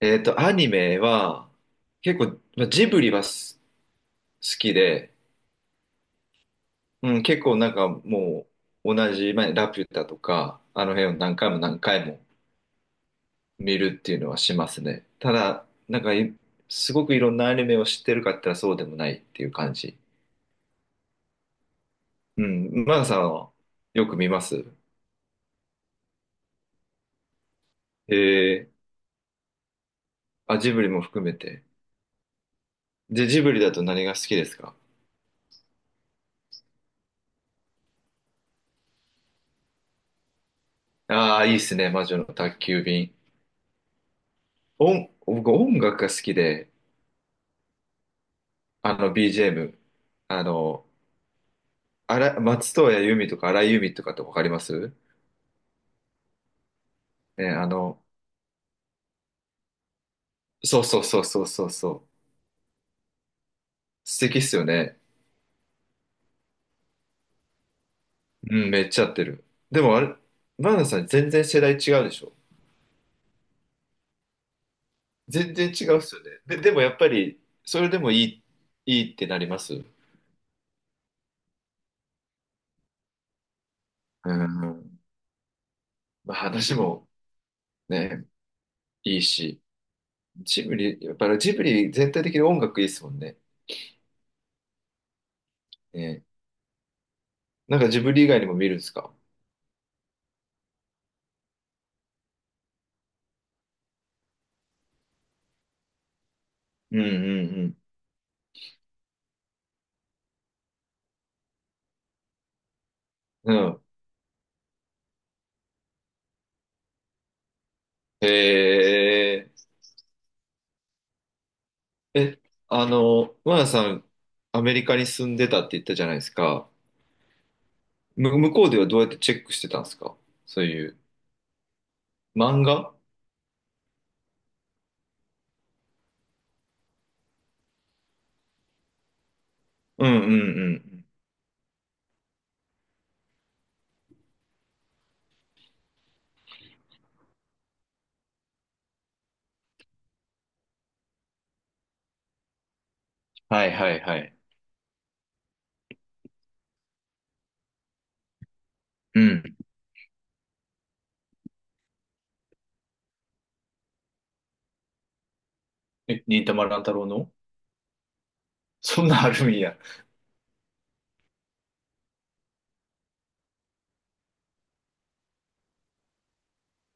アニメは、結構、まあジブリは好きで、うん、結構なんかもう、同じ、まあ、ラピュタとか、あの辺を何回も何回も見るっていうのはしますね。ただ、なんかい、すごくいろんなアニメを知ってるかって言ったらそうでもないっていう感じ。うん、マナさんはよく見ます？ええ。あ、ジブリも含めて。で、ジブリだと何が好きですか？ああー、いいっすね、魔女の宅急便。僕音楽が好きで、あの BGM。あの、あら、松任谷由実とか荒井由実とかってわかります？ね、そうそうそうそうそうそう。素敵っすよね。うん、めっちゃ合ってる。でもあれ、マナさん全然世代違うでしょ？全然違うっすよね。で、でもやっぱり、それでもいい、いいってなります。うん。まあ話もね、いいし。ジブリ、やっぱりジブリ全体的に音楽いいっすもんね。ね。なんかジブリ以外にも見るんですか？うんうんうん。うん。へえ。え、マナさん、アメリカに住んでたって言ったじゃないですか。向こうではどうやってチェックしてたんですか？そういう。漫画。うんうんうんうん。はいはいはい。うん。え、忍たま乱太郎の？そんなあるんや。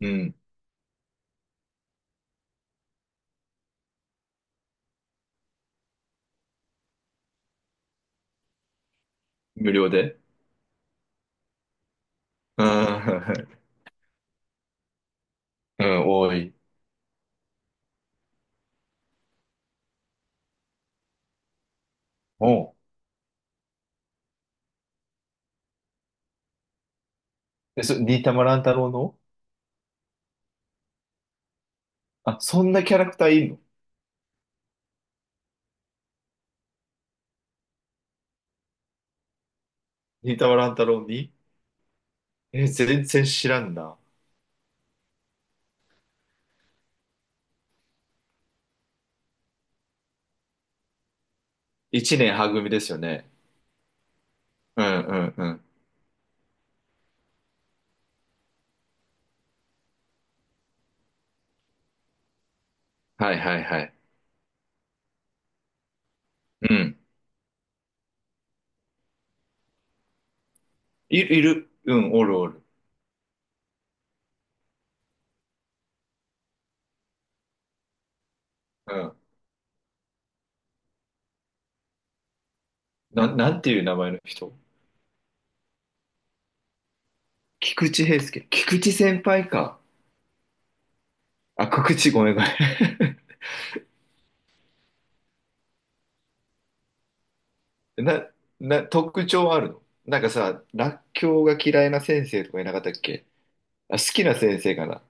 うん。無料で。うん。うん、多い。おう。え、忍たま乱太郎の？あ、そんなキャラクターいんの？忍たま乱太郎に？え、全然知らんな。一年は組ですよね。うんうん。はいはいはい。うん。いる。うん、おるおる。うん。なんていう名前の人？菊池平介。菊池先輩か。あ、菊池、ごめんごめん。特徴あるの？なんかさ、らっきょうが嫌いな先生とかいなかったっけ？あ、好きな先生かな？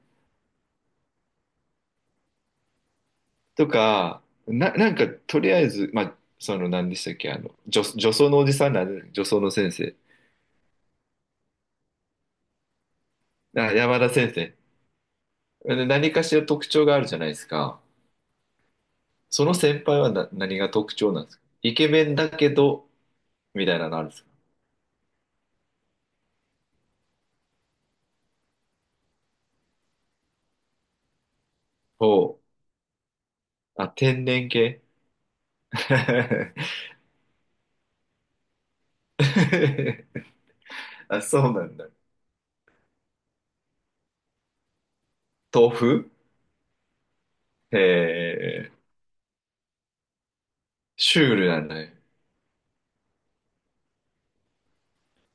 とか、とりあえず、まあ、何でしたっけ？女装のおじさんなんで、女装の先生。あ、山田先生。で何かしら特徴があるじゃないですか。その先輩は何が特徴なんですか？イケメンだけど、みたいなのあるんですか？おう。あ、天然系。 あ、そうなんだ。豆腐。へえ、シュールなんだね。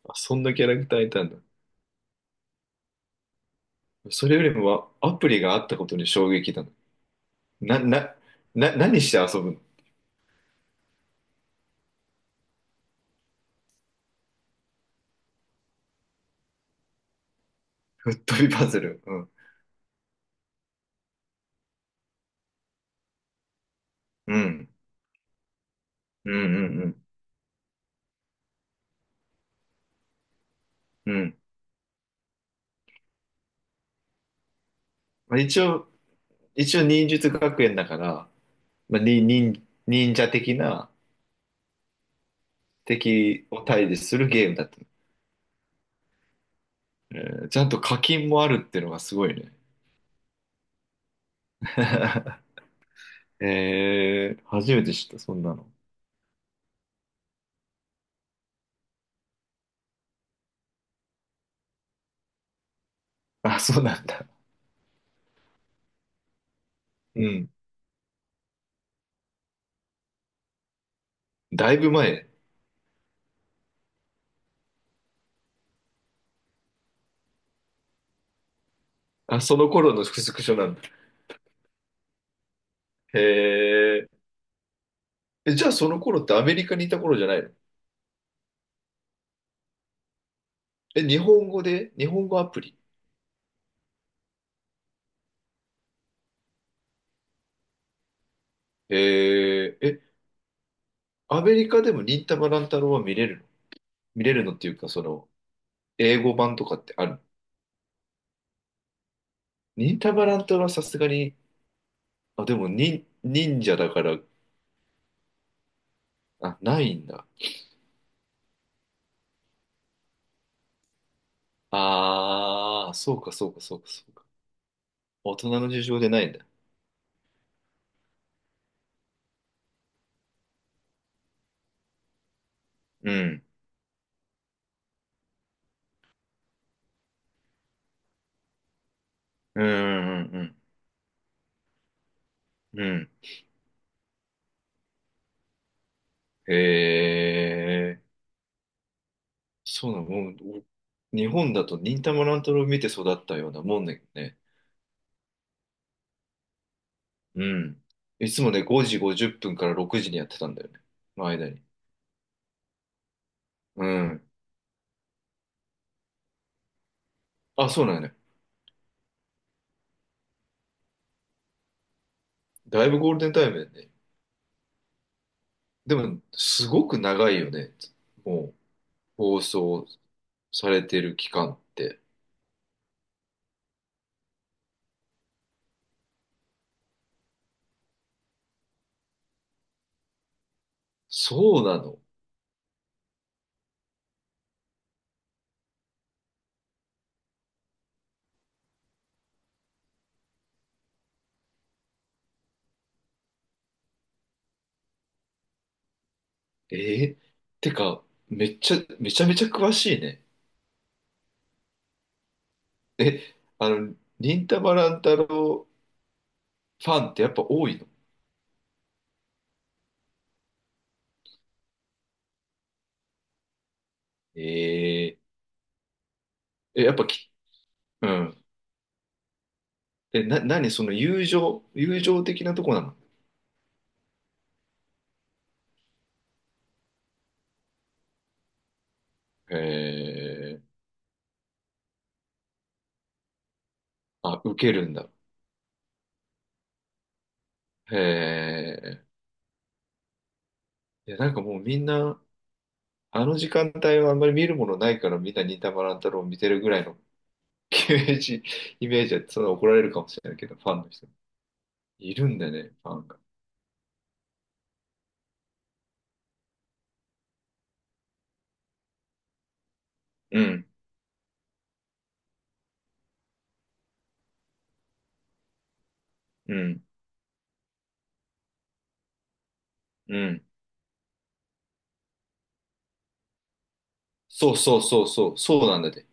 あ、そんなキャラクターいたんだ。それよりもアプリがあったことに衝撃だな。な、な、何して遊ぶの？吹っ飛びパズル。うん。うん。うんうんうん。うん。まあ、一応忍術学園だから、まあ、忍者的な、敵を退治するゲームだった？えちゃんと課金もあるっていうのがすごいね。初めて知った、そんなの。あ、そうなんだ。うん。だいぶ前。あ、その頃のスクショなんだ。へえ。じゃあその頃ってアメリカにいた頃じゃないの？え、日本語で日本語アプリ？ええ。え、アメリカでも忍たま乱太郎は見れるの？見れるのっていうか、英語版とかってある？忍たま乱太郎はさすがに、あ、でも忍者だから、あ、ないんだ。ああ、そうか、そうか、そうか、そうか。大人の事情でないんだ。うん。うん、うん、うん。うん。へえ。そうなの、もう、日本だと忍たま乱太郎を見て育ったようなもんだけどね。うん。いつもね、5時50分から6時にやってたんだよね。の間に。うん。あ、そうなんだね。だいぶゴールデンタイムだよね。でも、すごく長いよね。もう、放送されてる期間って。そうなの？えー、てか、めちゃめちゃ詳しいね。え、あの、忍たま乱太郎ファンってやっぱ多いの？えやっぱき、うん。何その友情的なとこなの？えー、あ、受けるんだ。えいや、なんかもうみんな、あの時間帯はあんまり見るものないからみんな忍たま乱太郎を見てるぐらいの イメージ、イメージは、そんな怒られるかもしれないけど、ファンの人。いるんだね、ファンが。うん、うん、うん。そうそうそうそう、そうなんだって。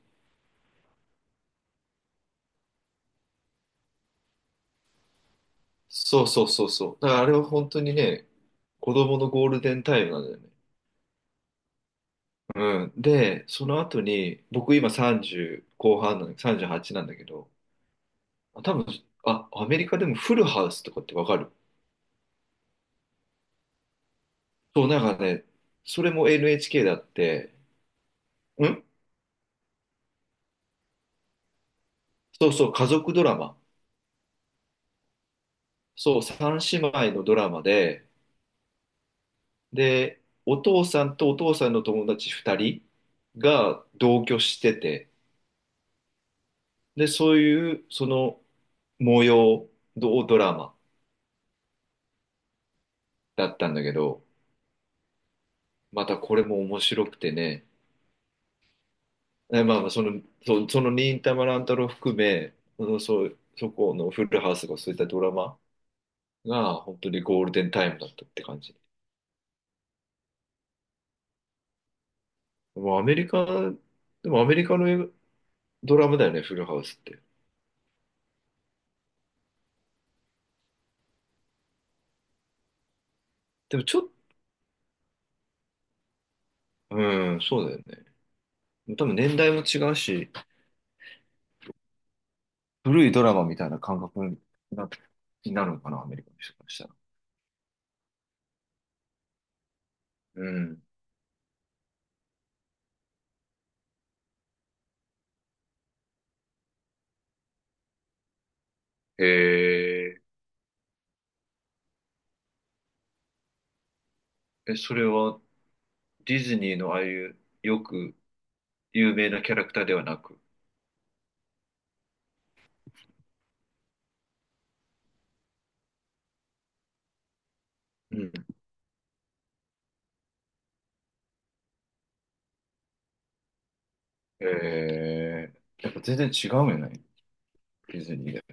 そうそうそうそう。だからあれは本当にね、子供のゴールデンタイムなんだよね。うん。で、その後に、僕今30後半なんだ、38なんだけど、多分、あ、アメリカでもフルハウスとかってわかる？そう、なんかね、それも NHK だって、んそうそう、家族ドラマ。そう、三姉妹のドラマで、お父さんとお父さんの友達2人が同居してて、で、そういうその模様ドラマだったんだけど、またこれも面白くてね、まあまあその忍たま乱太郎含め、そこのフルハウスがそういったドラマが本当にゴールデンタイムだったって感じ。もうアメリカ、でもアメリカのドラマだよね、フルハウスって。でもちょっと、うん、そうだよね。多分年代も違うし、古いドラマみたいな感覚にな、になるのかな、アメリカの人からしたら。うん。へえ。それはディズニーのああいうよく有名なキャラクターではなく。うん。えやっぱ全然違うんよね、ディズニーで。